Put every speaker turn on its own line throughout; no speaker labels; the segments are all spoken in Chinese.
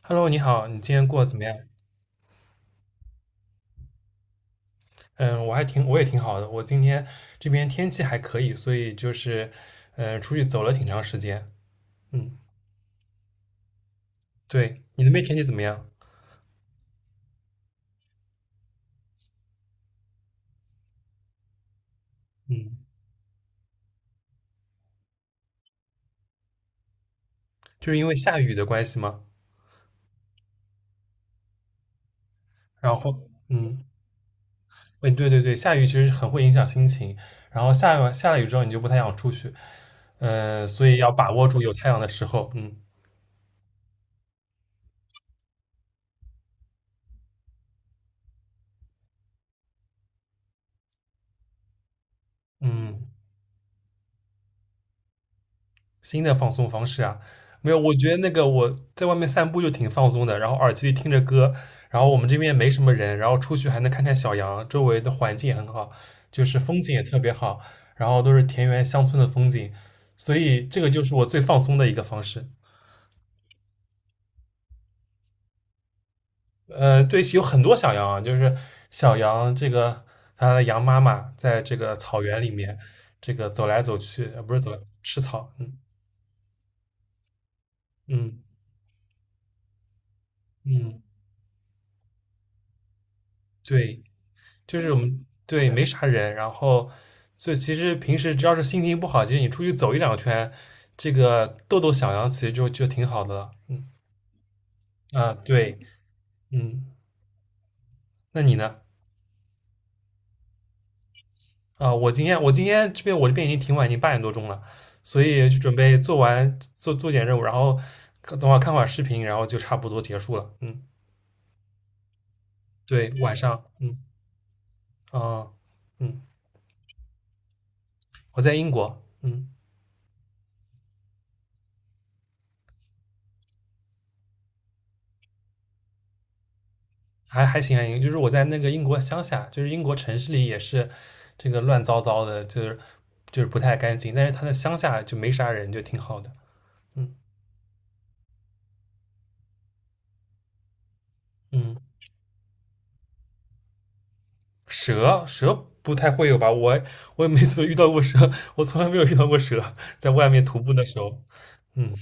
Hello，你好，你今天过得怎么样？嗯，我也挺好的。我今天这边天气还可以，所以就是，出去走了挺长时间。嗯，对，你那边天气怎么样？嗯，就是因为下雨的关系吗？然后，哎，对对对，下雨其实很会影响心情。然后下了雨之后，你就不太想出去，所以要把握住有太阳的时候。嗯嗯。新的放松方式啊，没有，我觉得那个我在外面散步就挺放松的，然后耳机里听着歌，然后我们这边没什么人，然后出去还能看看小羊，周围的环境也很好，就是风景也特别好，然后都是田园乡村的风景，所以这个就是我最放松的一个方式。对，有很多小羊啊，就是小羊这个它的羊妈妈在这个草原里面这个走来走去，不是走来吃草，嗯嗯嗯，对。就是我们对没啥人，然后所以其实平时只要是心情不好，其实你出去走一两圈，这个逗逗小羊其实就挺好的了。嗯啊，对，嗯，那你呢？啊，我今天我这边已经挺晚，已经八点多钟了，所以就准备做完做做点任务，然后等会儿看会儿视频，然后就差不多结束了。嗯，对，晚上，嗯啊，嗯，我在英国，嗯。还行还行，就是我在那个英国乡下，就是英国城市里也是这个乱糟糟的，就是不太干净，但是它在乡下就没啥人，就挺好的。嗯嗯，蛇不太会有吧？我也没怎么遇到过蛇，我从来没有遇到过蛇，在外面徒步的时候。嗯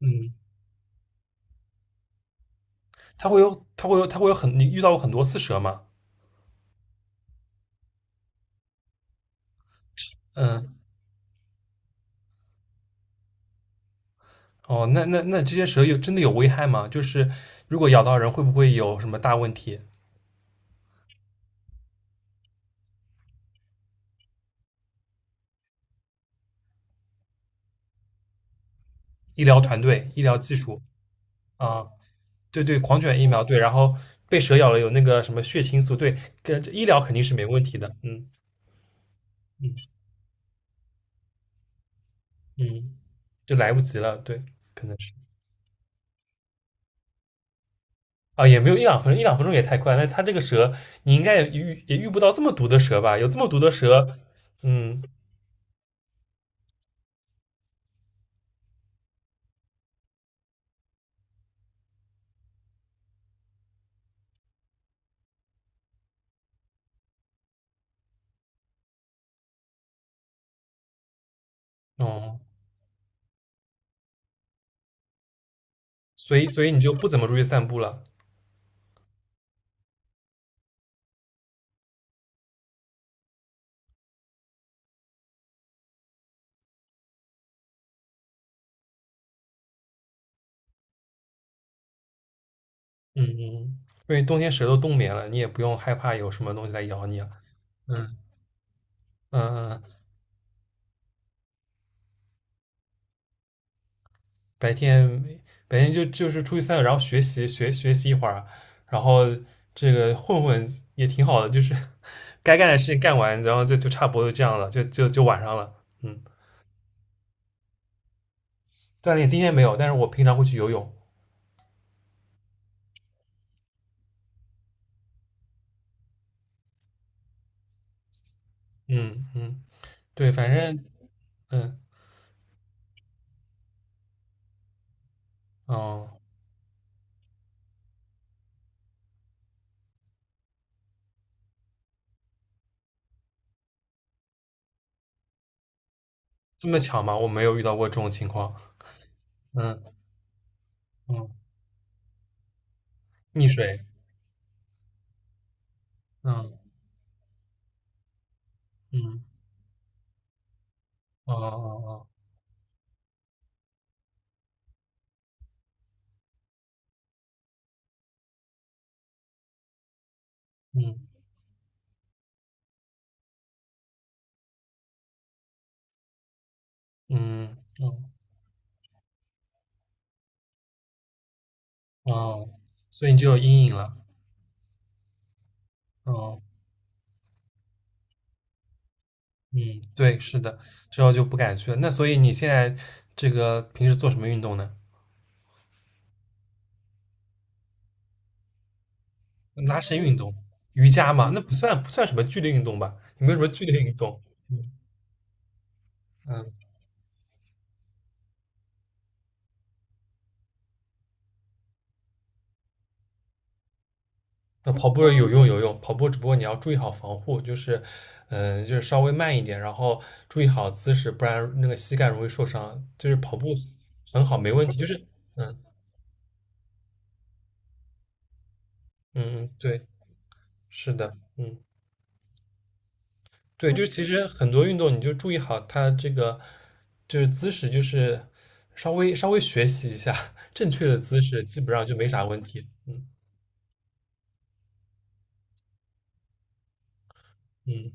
嗯，它会有它会有它会有很你遇到过很多次蛇吗？嗯哦，那这些蛇真的有危害吗？就是如果咬到人，会不会有什么大问题？医疗团队、医疗技术？啊，对对，狂犬疫苗对，然后被蛇咬了有那个什么血清素，对，跟医疗肯定是没问题的，嗯嗯嗯，就来不及了，对，可能是啊，也没有一两分钟，一两分钟也太快，那它这个蛇你应该也遇不到这么毒的蛇吧？有这么毒的蛇，嗯哦，所以你就不怎么出去散步了，嗯嗯，嗯因为冬天蛇都冬眠了，你也不用害怕有什么东西来咬你了，嗯嗯嗯。白天就是出去散散，然后学习一会儿，然后这个混混也挺好的，就是 该干的事情干完，然后就差不多就这样了，就晚上了。嗯，锻炼今天没有，但是我平常会去游泳。嗯嗯，对，反正嗯哦，这么巧吗？我没有遇到过这种情况。嗯嗯，溺水。嗯嗯哦哦哦嗯嗯哦哦，所以你就有阴影了。哦。嗯，对，是的，之后就不敢去了。那所以你现在这个平时做什么运动呢？拉伸运动、瑜伽嘛，那不算不算什么剧烈运动吧？有没有什么剧烈运动？嗯，那跑步有用有用，跑步只不过你要注意好防护，就是稍微慢一点，然后注意好姿势，不然那个膝盖容易受伤。就是跑步很好，没问题。就是嗯嗯，对，是的，嗯。对，就是其实很多运动，你就注意好它这个就是姿势，就是稍微稍微学习一下 正确的姿势，基本上就没啥问题。嗯嗯，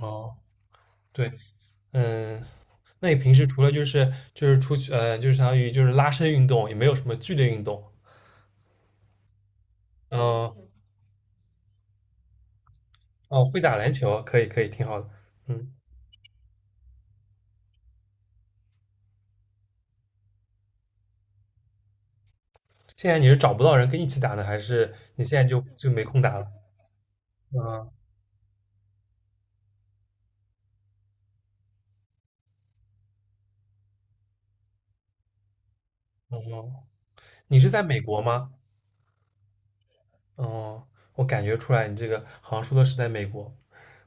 哦，对，嗯，那你平时除了就是出去就是相当于就是拉伸运动，也没有什么剧烈运动。嗯、呃哦，会打篮球，可以可以，挺好的。嗯，现在你是找不到人跟一起打呢，还是你现在就没空打了？嗯，哦，你是在美国吗？哦，我感觉出来你这个好像说的是在美国，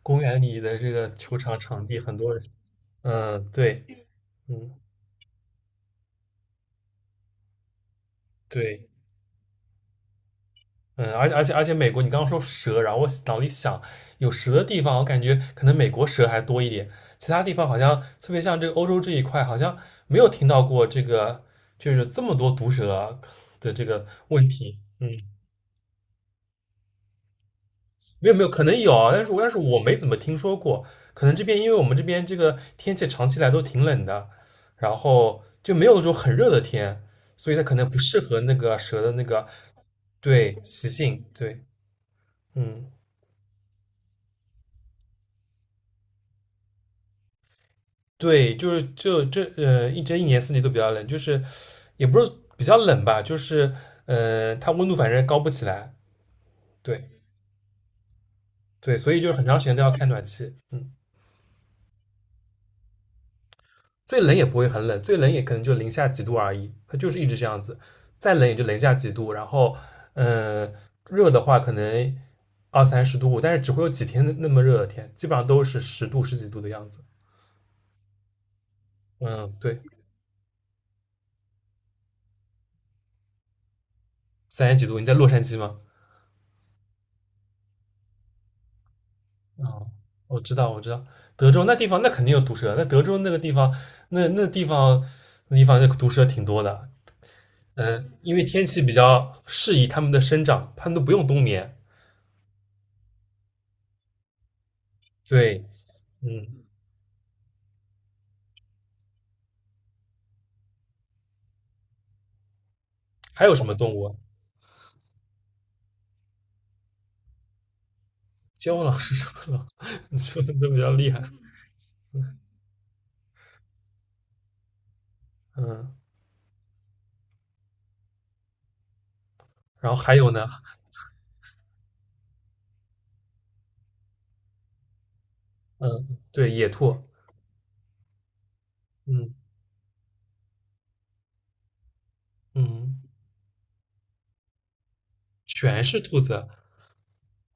公园里的这个球场场地很多人，嗯，对，嗯，对，嗯，而且美国，你刚刚说蛇，然后我脑里想有蛇的地方，我感觉可能美国蛇还多一点，其他地方好像特别像这个欧洲这一块，好像没有听到过这个就是这么多毒蛇的这个问题，嗯。没有没有，可能有啊但是我没怎么听说过。可能这边因为我们这边这个天气长期来都挺冷的，然后就没有那种很热的天，所以它可能不适合那个蛇的那个对习性。对，嗯，对，就是一年四季都比较冷，就是也不是比较冷吧，就是它温度反正高不起来。对对，所以就是很长时间都要开暖气。嗯。最冷也不会很冷，最冷也可能就零下几度而已，它就是一直这样子。再冷也就零下几度，然后嗯、呃热的话可能二三十度，但是只会有几天那么热的天，基本上都是十度十几度的样子。嗯，对，三十几度。你在洛杉矶吗？哦，我知道，我知道，德州那地方那肯定有毒蛇，那德州那个地方，那那地方那地方那毒蛇挺多的。嗯，因为天气比较适宜它们的生长，它们都不用冬眠。对，嗯。还有什么动物啊？郊狼是什么狼？你说的都比较厉害。嗯，然后还有呢，嗯，对，野兔，嗯嗯，全是兔子。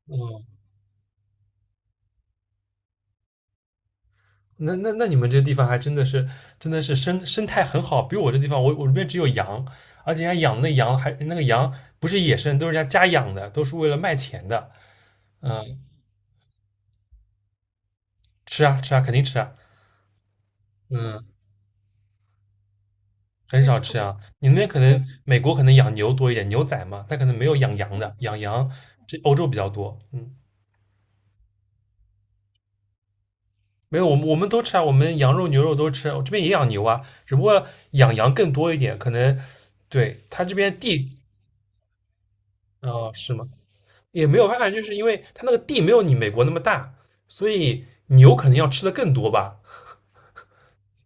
嗯，那你们这地方还真的是生态很好，比我这地方，我这边只有羊，而且人家养的羊还那个羊不是野生，都是人家家养的，都是为了卖钱的。嗯，吃啊吃啊，肯定吃啊。嗯。很少吃啊。你那边可能美国可能养牛多一点，牛仔嘛，它可能没有养羊的，养羊这欧洲比较多。嗯，没有，我们都吃啊，我们羊肉、牛肉都吃，我这边也养牛啊，只不过养羊更多一点，可能对他这边地是吗？也没有办法，就是因为他那个地没有你美国那么大，所以牛可能要吃的更多吧。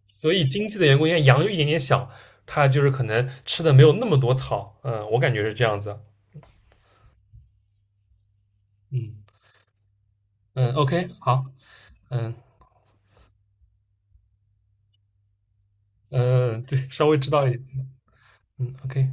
所以经济的缘故，因为羊又一点点小，它就是可能吃的没有那么多草。嗯，我感觉是这样子。嗯嗯，OK，好，嗯。嗯，对，稍微知道一点。嗯，OK。